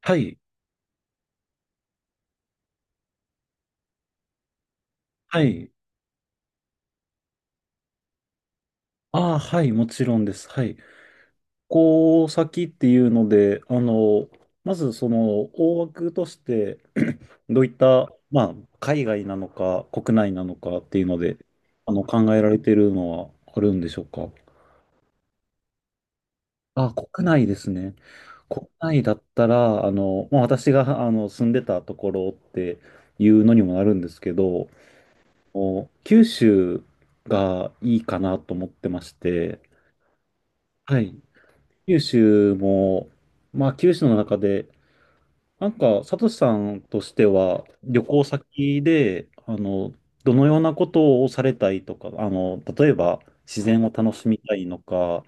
はい。はい。ああ、はい。もちろんです。はい。こう先っていうので、まずその大枠として、 どういった、まあ、海外なのか国内なのかっていうので、考えられているのはあるんでしょうか。あ、国内ですね。国内だったら、まあ、私が住んでたところっていうのにもなるんですけど、お九州がいいかなと思ってまして、はい。九州も、まあ九州の中で、なんか、サトシさんとしては、旅行先で、どのようなことをされたいとか、例えば、自然を楽しみたいのか、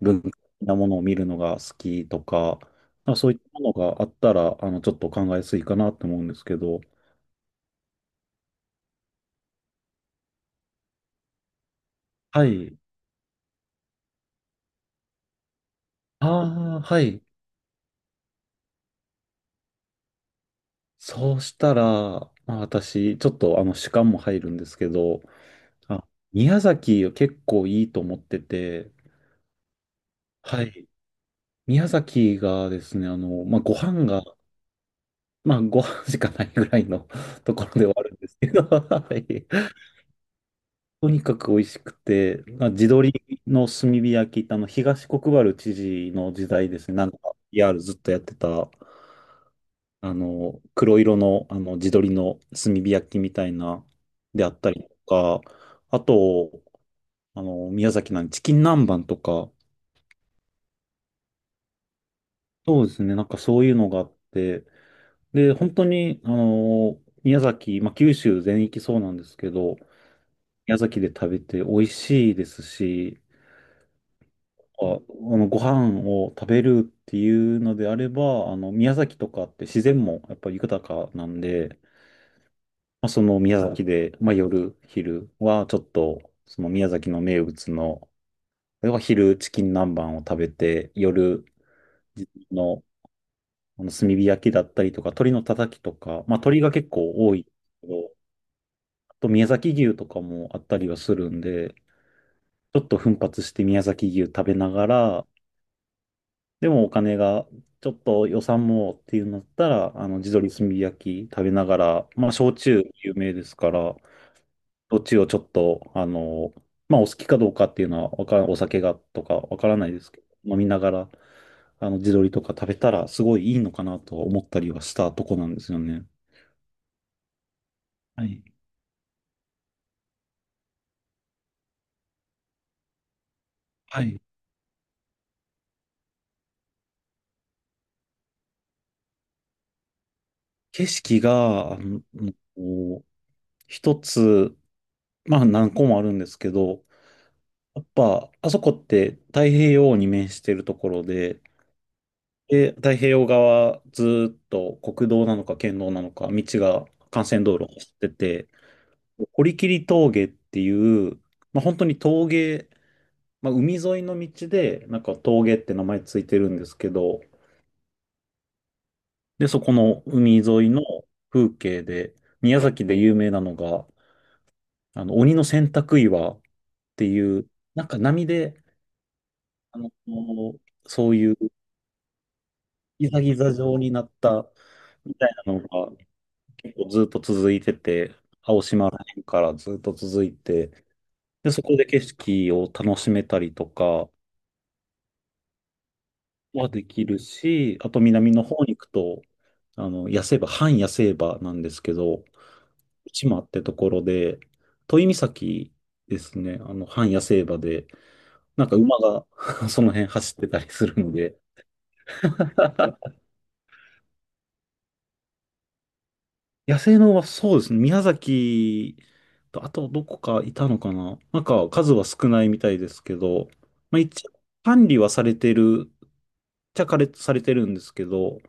文化的なものを見るのが好きとか、なんかそういったものがあったら、ちょっと考えやすいかなと思うんですけど。はい。ああ、はい。そうしたら、まあ、私、ちょっと、主観も入るんですけど、あ、宮崎結構いいと思ってて、はい。宮崎がですね、まあ、ご飯が、まあ、ご飯しかないぐらいの ところではあるんですけど、はい。とにかく美味しくて、まあ、地鶏の炭火焼き、東国原知事の時代ですね、なんか p ルずっとやってた、黒色の、地鶏の炭火焼きみたいな、であったりとか、あと、宮崎なんでチキン南蛮とか、そうですね。なんかそういうのがあって、で、本当に、宮崎、まあ、九州全域そうなんですけど、宮崎で食べて美味しいですし、あ、ご飯を食べるっていうのであれば、宮崎とかって自然もやっぱり豊かなんで、まあ、その宮崎で、まあ、夜、昼はちょっと、その宮崎の名物の、例えば昼チキン南蛮を食べて、夜、の炭火焼きだったりとか、鶏のたたきとか、まあ、鶏が結構多いけど、あと宮崎牛とかもあったりはするんで、ちょっと奮発して宮崎牛食べながら、でもお金がちょっと予算もっていうのだったら、あの地鶏炭火焼き食べながら、まあ、焼酎有名ですから、どっちをちょっと、まあ、お好きかどうかっていうのはわからん、お酒がとかわからないですけど、飲みながら、地鶏とか食べたら、すごいいいのかなと思ったりはしたとこなんですよね。はい。はい。景色が、こう一つ、まあ何個もあるんですけど、やっぱ、あそこって太平洋に面してるところで、で、太平洋側ずーっと国道なのか県道なのか、道が幹線道路を走ってて、堀切峠っていう、まあ本当に峠、まあ海沿いの道で、なんか峠って名前ついてるんですけど、で、そこの海沿いの風景で、宮崎で有名なのが、鬼の洗濯岩っていう、なんか波で、あの、そういうギザギザ状になったみたいなのが結構ずっと続いてて、からずっと続いて、で、そこで景色を楽しめたりとかはできるし、あと南の方に行くと、野生場、半野生場なんですけど、内間ってところで、都井岬ですね、半野生場で、なんか馬が その辺走ってたりするので、野生のはそうですね。宮崎と、あとどこかいたのかな、なんか数は少ないみたいですけど、まあ、一応管理はされてる、っちゃかれされてるんですけど、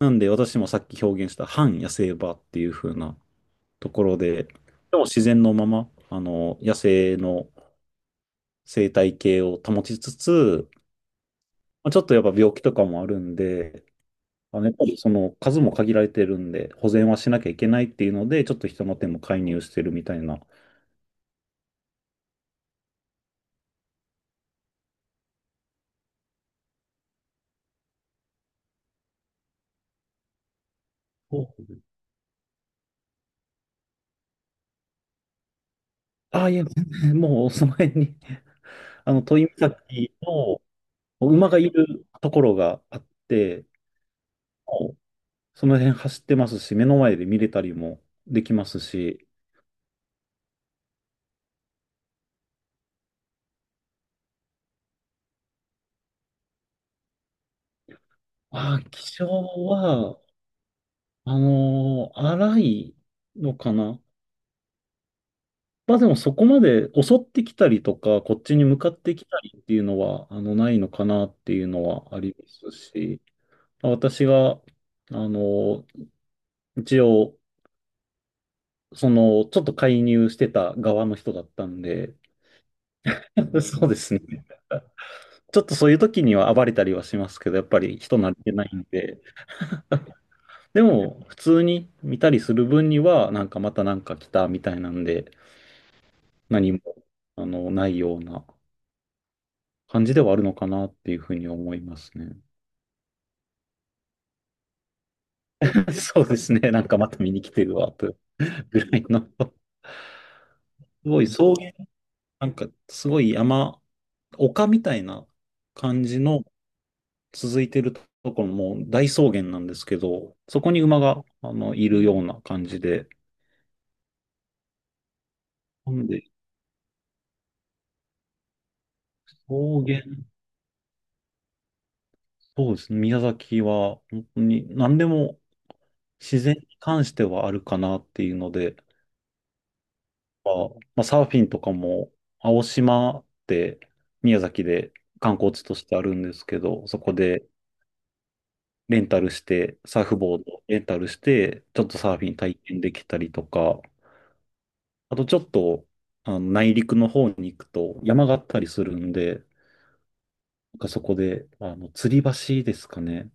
なんで私もさっき表現した反野生場っていう風なところで、でも自然のまま、野生の生態系を保ちつつ、まあ、ちょっとやっぱ病気とかもあるんで、やっぱりその数も限られてるんで、保全はしなきゃいけないっていうので、ちょっと人の手も介入してるみたいな。お、ああ、いや、全然もう その辺に、都井岬の馬がいるところがあって、もうその辺走ってますし、目の前で見れたりもできますし、ああ、気象は、荒いのかな。まあでもそこまで襲ってきたりとか、こっちに向かってきたりっていうのは、ないのかなっていうのはありますし、まあ私が、の、一応、その、ちょっと介入してた側の人だったんで、そうですね。ちょっとそういう時には暴れたりはしますけど、やっぱり人慣れてないんで、でも、普通に見たりする分には、なんかまたなんか来たみたいなんで、何も、ないような感じではあるのかなっていうふうに思いますね。そうですね。なんかまた見に来てるわ、とぐらいの。すごい草原、なんかすごい山、丘みたいな感じの続いてるところも大草原なんですけど、そこに馬が、いるような感じで。なんで、草原、そうですね。宮崎は本当に何でも自然に関してはあるかなっていうので、は、まあ、サーフィンとかも、青島って宮崎で観光地としてあるんですけど、そこでレンタルして、サーフボードレンタルして、ちょっとサーフィン体験できたりとか、あとちょっと内陸の方に行くと山があったりするんで、なんかそこで吊り橋ですかね。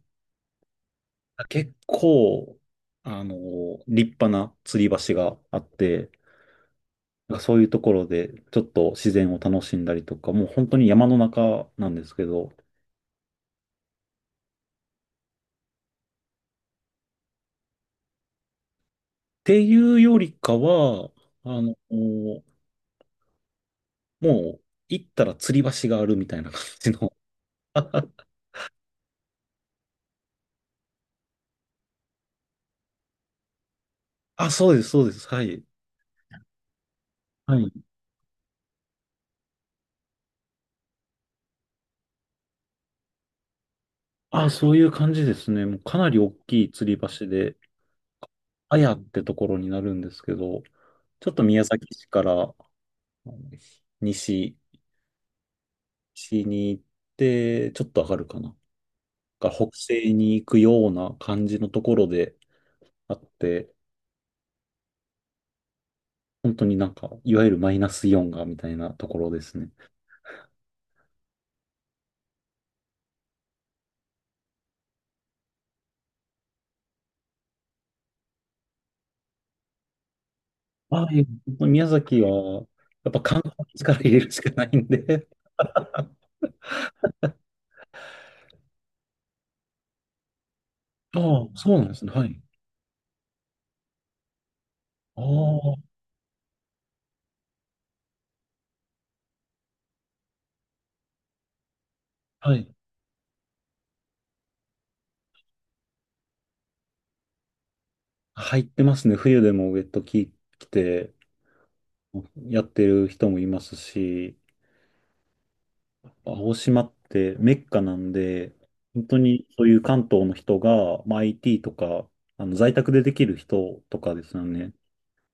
結構、あの、立派な吊り橋があって、なんかそういうところで、ちょっと自然を楽しんだりとか、もう本当に山の中なんですけど、っていうよりかは、もう行ったら吊り橋があるみたいな感じの。あ、そうです、そうです。はい。はい。あ、そういう感じですね。もうかなり大きい吊り橋で、あやってところになるんですけど、ちょっと宮崎市からの西、西に行って、ちょっと上がるかな。が北西に行くような感じのところであって、本当になんか、いわゆるマイナスイオンがみたいなところですね。はい。宮崎は、やっぱ観光にから入れるしかないんで。ああ、そうなんですね。はい。ああ、はい。入ってますね。冬でもウェット着てやってる人もいますし、青島ってメッカなんで、本当にそういう関東の人が、まあ、IT とか、在宅でできる人とかですよね。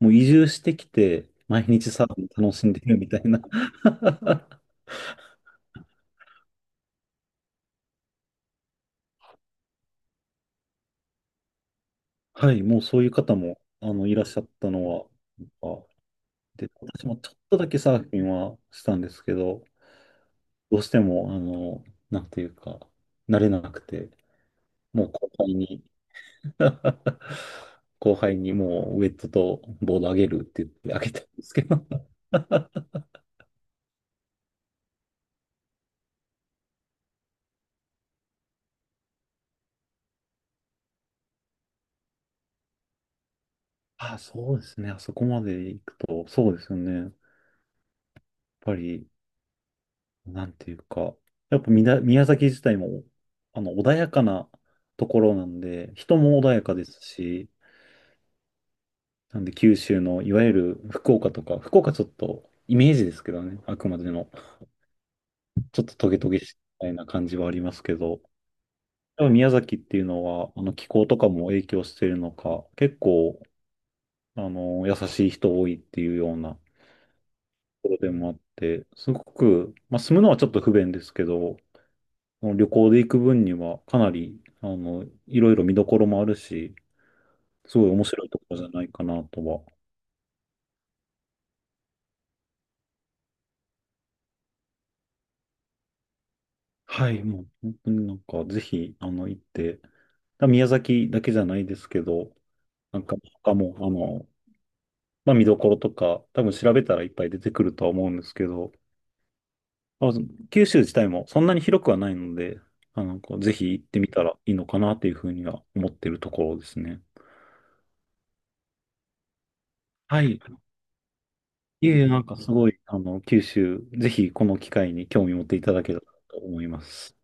もう移住してきて、毎日サーフィン楽しんでるみたいな。 はい、もうそういう方も、いらっしゃったのは、あ、で、私もちょっとだけサーフィンはしたんですけど、どうしても、なんていうか、慣れなくて、もう後輩に 後輩にもうウェットとボードあげるって言ってあげたんですけど。あ、そうですね。あそこまで行くと、そうですよね。やっぱり、なんていうか、やっぱみな宮崎自体も、穏やかなところなんで、人も穏やかですし、なんで九州の、いわゆる福岡とか、福岡ちょっと、イメージですけどね、あくまでの、ちょっとトゲトゲしいみたいな感じはありますけど、やっぱ宮崎っていうのは、気候とかも影響してるのか、結構、優しい人多いっていうようなところでもあって、すごく、まあ、住むのはちょっと不便ですけど、あの旅行で行く分には、かなり、いろいろ見どころもあるし、すごい面白いところじゃないかなとは。はい、もう本当になんか、ぜひ、行って、宮崎だけじゃないですけど、なんか他も、まあ、見どころとか、多分調べたらいっぱい出てくるとは思うんですけど、まあ、九州自体もそんなに広くはないので、こうぜひ行ってみたらいいのかなっていうふうには思ってるところですね。はい。いえいえ、なんかすごい、九州、ぜひこの機会に興味持っていただけたらと思います。